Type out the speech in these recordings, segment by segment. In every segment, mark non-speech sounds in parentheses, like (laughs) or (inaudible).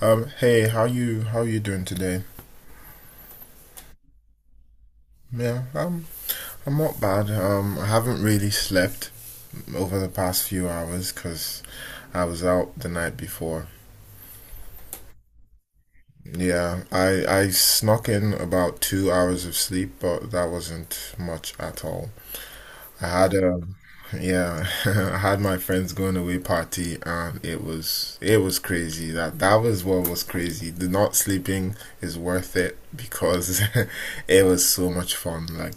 Hey, how you doing today? Yeah, um, I'm not bad. I haven't really slept over the past few hours because I was out the night before. Yeah, I snuck in about 2 hours of sleep, but that wasn't much at all. I had yeah, (laughs) I had my friend's going away party and it was crazy. That was what was crazy. The not sleeping is worth it because (laughs) it was so much fun. Like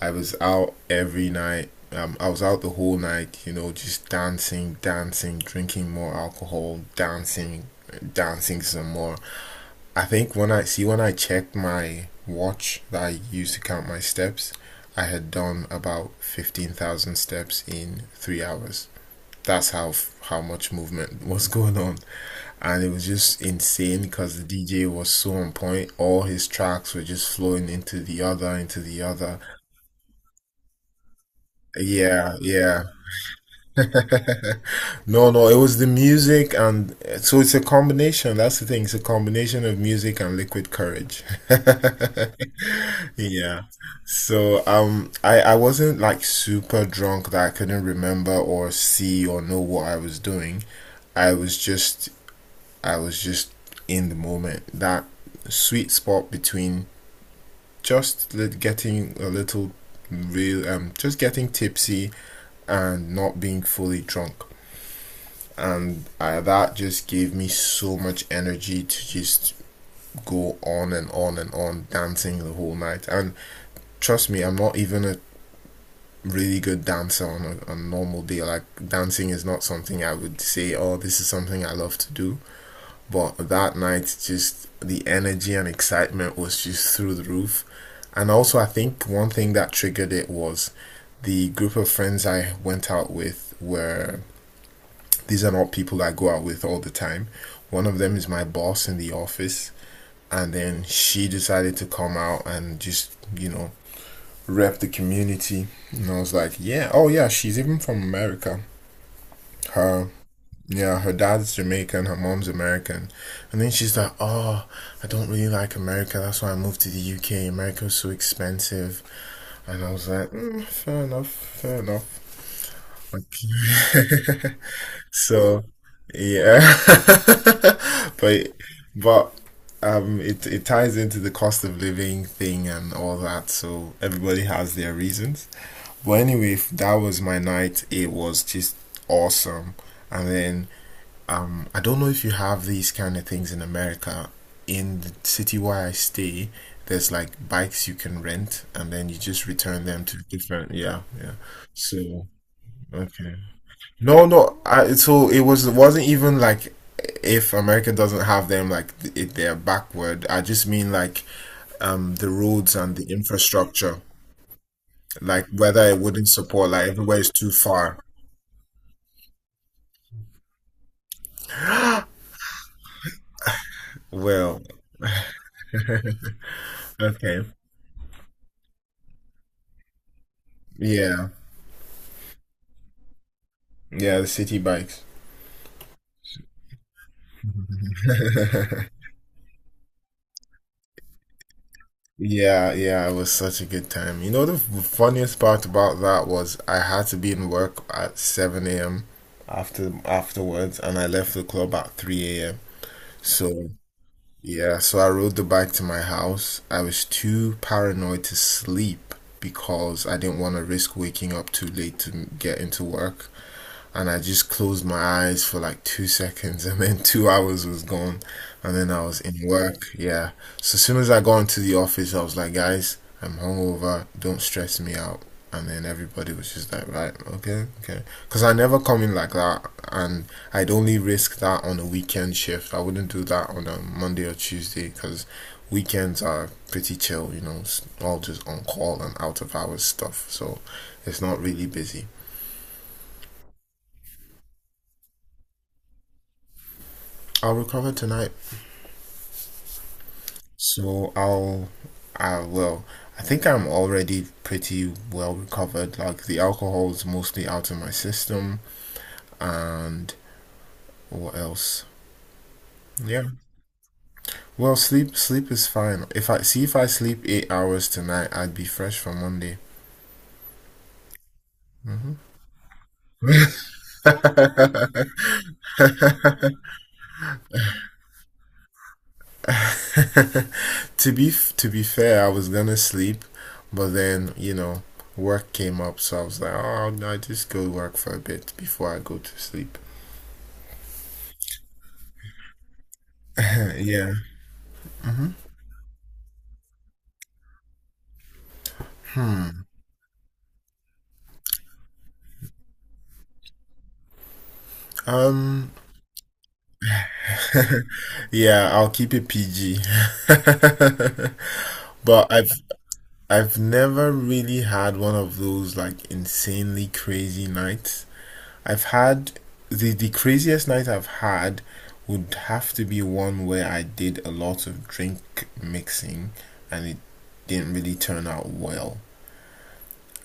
I was out every night. I was out the whole night, you know, just dancing, dancing, drinking more alcohol, dancing, dancing some more. I think when I checked my watch that I used to count my steps, I had done about 15,000 steps in 3 hours. That's how much movement (laughs) was going on. And it was just insane because the DJ was so on point. All his tracks were just flowing into the other, into the other. Yeah, yeah. No, no, it was the music and so it's a combination. That's the thing. It's a combination of music and liquid courage. (laughs) Yeah. So I wasn't like super drunk that I couldn't remember or see or know what I was doing. I was just I was just in the moment. That sweet spot between getting a little real just getting tipsy and not being fully drunk. And that just gave me so much energy to just go on and on and on dancing the whole night. And trust me, I'm not even a really good dancer on a normal day. Like dancing is not something I would say, oh, this is something I love to do. But that night, just the energy and excitement was just through the roof. And also, I think one thing that triggered it was the group of friends I went out with were these are not people I go out with all the time. One of them is my boss in the office, and then she decided to come out and just you know rep the community. And I was like, yeah, oh yeah, she's even from America. Her yeah, her dad's Jamaican, her mom's American. And then she's like, oh, I don't really like America, that's why I moved to the UK. America was so expensive. And I was like, mm, fair enough, fair enough. Like, (laughs) so, yeah. (laughs) But but it ties into the cost of living thing and all that, so everybody has their reasons. But anyway, that was my night. It was just awesome. And then I don't know if you have these kind of things in America. In the city where I stay, there's like bikes you can rent and then you just return them to different, yeah, yeah. So, okay. No, no. So it wasn't even like if America doesn't have them, like it, they're backward. I just mean like the roads and the infrastructure, like whether it wouldn't support, like everywhere is too far. Well, (laughs) okay, yeah, yeah, the city bikes. (laughs) Yeah, yeah, it was such a good time. You know, the funniest part about that was I had to be in work at 7 a.m. after afterwards, and I left the club at 3 a.m. So. Yeah, so I rode the bike to my house. I was too paranoid to sleep because I didn't want to risk waking up too late to get into work and I just closed my eyes for like 2 seconds, (laughs) and then 2 hours was gone, and then I was in work. Yeah. So as soon as I got into the office, I was like, guys, I'm hungover. Don't stress me out. And then everybody was just like, right, okay, okay. Because I never come in like that, and I'd only risk that on a weekend shift. I wouldn't do that on a Monday or Tuesday because weekends are pretty chill, you know, it's all just on call and out of hours stuff. So it's not really busy. I'll recover tonight. So I'll, I will. I think I'm already pretty well recovered. Like the alcohol is mostly out of my system, and what else? Yeah. Well, sleep is fine. If I sleep 8 hours tonight, I'd be fresh for Monday. To be fair, I was gonna sleep, but then you know work came up, so I was like, oh, I'll just go work for a bit before I go to sleep. (laughs) Yeah. Um, Yeah, I'll keep it PG. (laughs) But I've never really had one of those like insanely crazy nights. I've had the craziest night I've had would have to be one where I did a lot of drink mixing and it didn't really turn out well.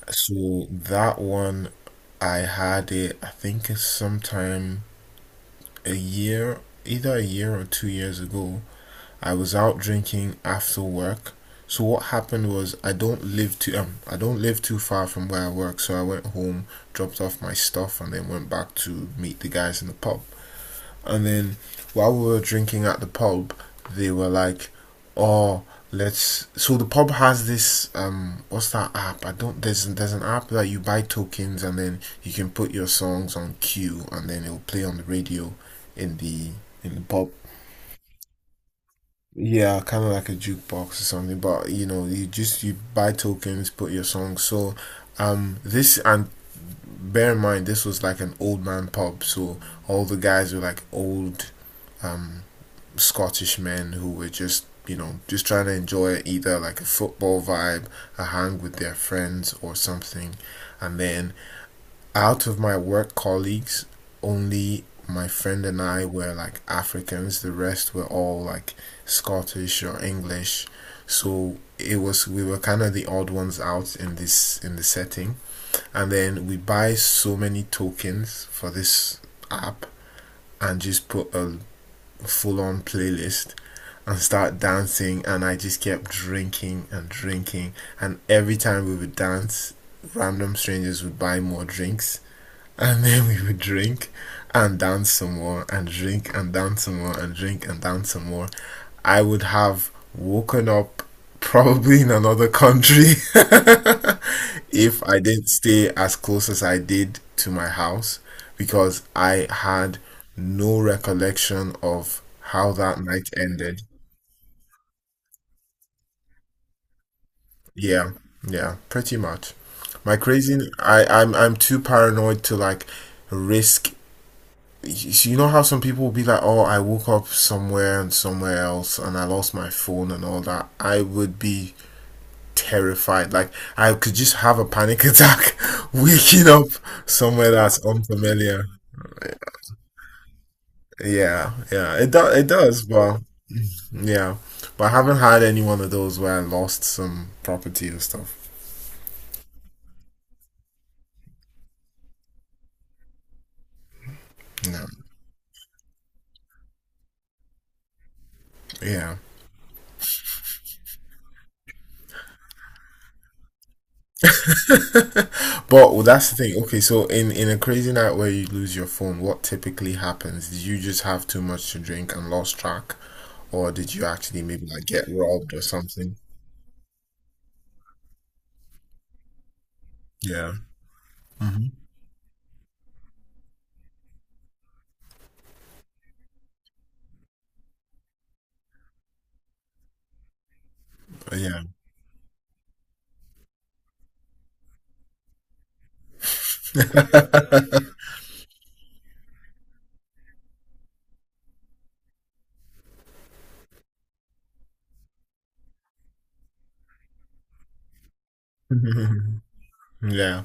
So that one I had it I think it's sometime a year either a year or 2 years ago I was out drinking after work. So what happened was I don't live too far from where I work, so I went home, dropped off my stuff, and then went back to meet the guys in the pub. And then while we were drinking at the pub, they were like, "Oh, let's." So the pub has this what's that app? I don't there's an app that you buy tokens and then you can put your songs on queue and then it'll play on the radio in the pub. Yeah, kind of like a jukebox or something, but you know, you just you buy tokens, put your song. So, this and bear in mind, this was like an old man pub, so all the guys were like old um Scottish men who were just you know just trying to enjoy either like a football vibe, a hang with their friends or something, and then out of my work colleagues, only my friend and I were like Africans. The rest were all like Scottish or English. So it was we were kind of the odd ones out in this in the setting. And then we buy so many tokens for this app and just put a full on playlist and start dancing and I just kept drinking and drinking and every time we would dance random strangers would buy more drinks and then we would drink and dance some more and drink and dance some more and drink and dance some more. I would have woken up probably in another country (laughs) if I didn't stay as close as I did to my house because I had no recollection of how that night ended. Yeah, yeah, pretty much. My crazy, I, I'm too paranoid to like risk so you know how some people will be like, "Oh, I woke up somewhere and somewhere else, and I lost my phone and all that." I would be terrified. Like I could just have a panic attack, (laughs) waking up somewhere that's unfamiliar. Yeah, yeah, it does. It does. Well, yeah, but I haven't had any one of those where I lost some property or stuff. No, yeah. But well, that's the thing. Okay, so in a crazy night where you lose your phone, what typically happens? Did you just have too much to drink and lost track, or did you actually maybe like get robbed or something? Yeah. Hmm. Yeah. (laughs) Yeah.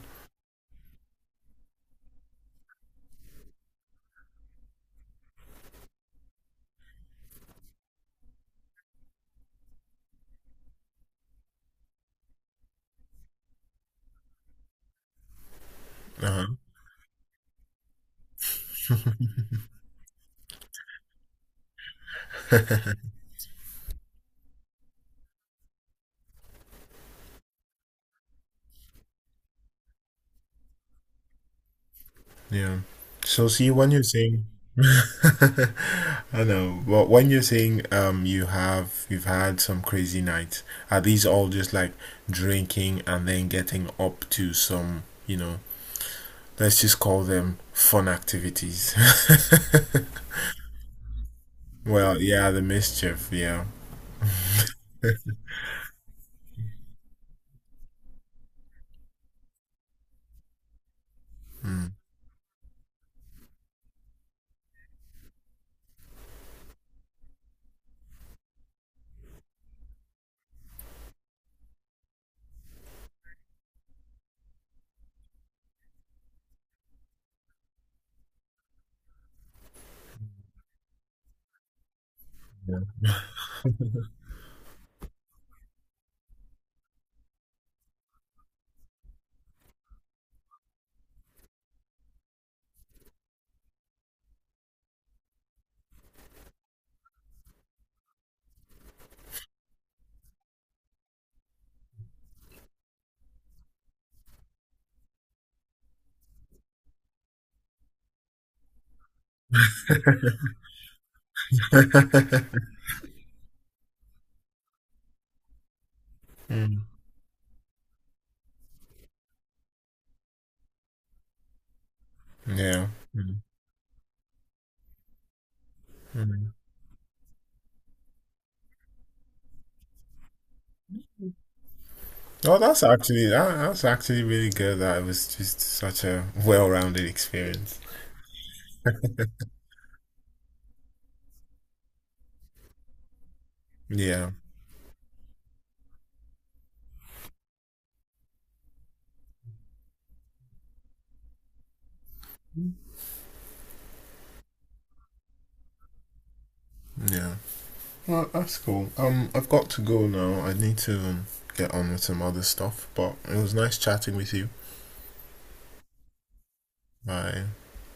Uh-huh. Yeah. So see when you're saying (laughs) I know, but when you're saying you have you've had some crazy nights, are these all just like drinking and then getting up to some, you know, let's just call them fun activities. (laughs) Well, yeah, the mischief, yeah. Mm. Yeah. Mm. Mm. Oh, that's actually that's actually really good. That it was just such a well-rounded experience. Yeah, yeah. Well, that's cool. I've got to go now. I need to get on with some other stuff. But it was nice chatting with you. Bye.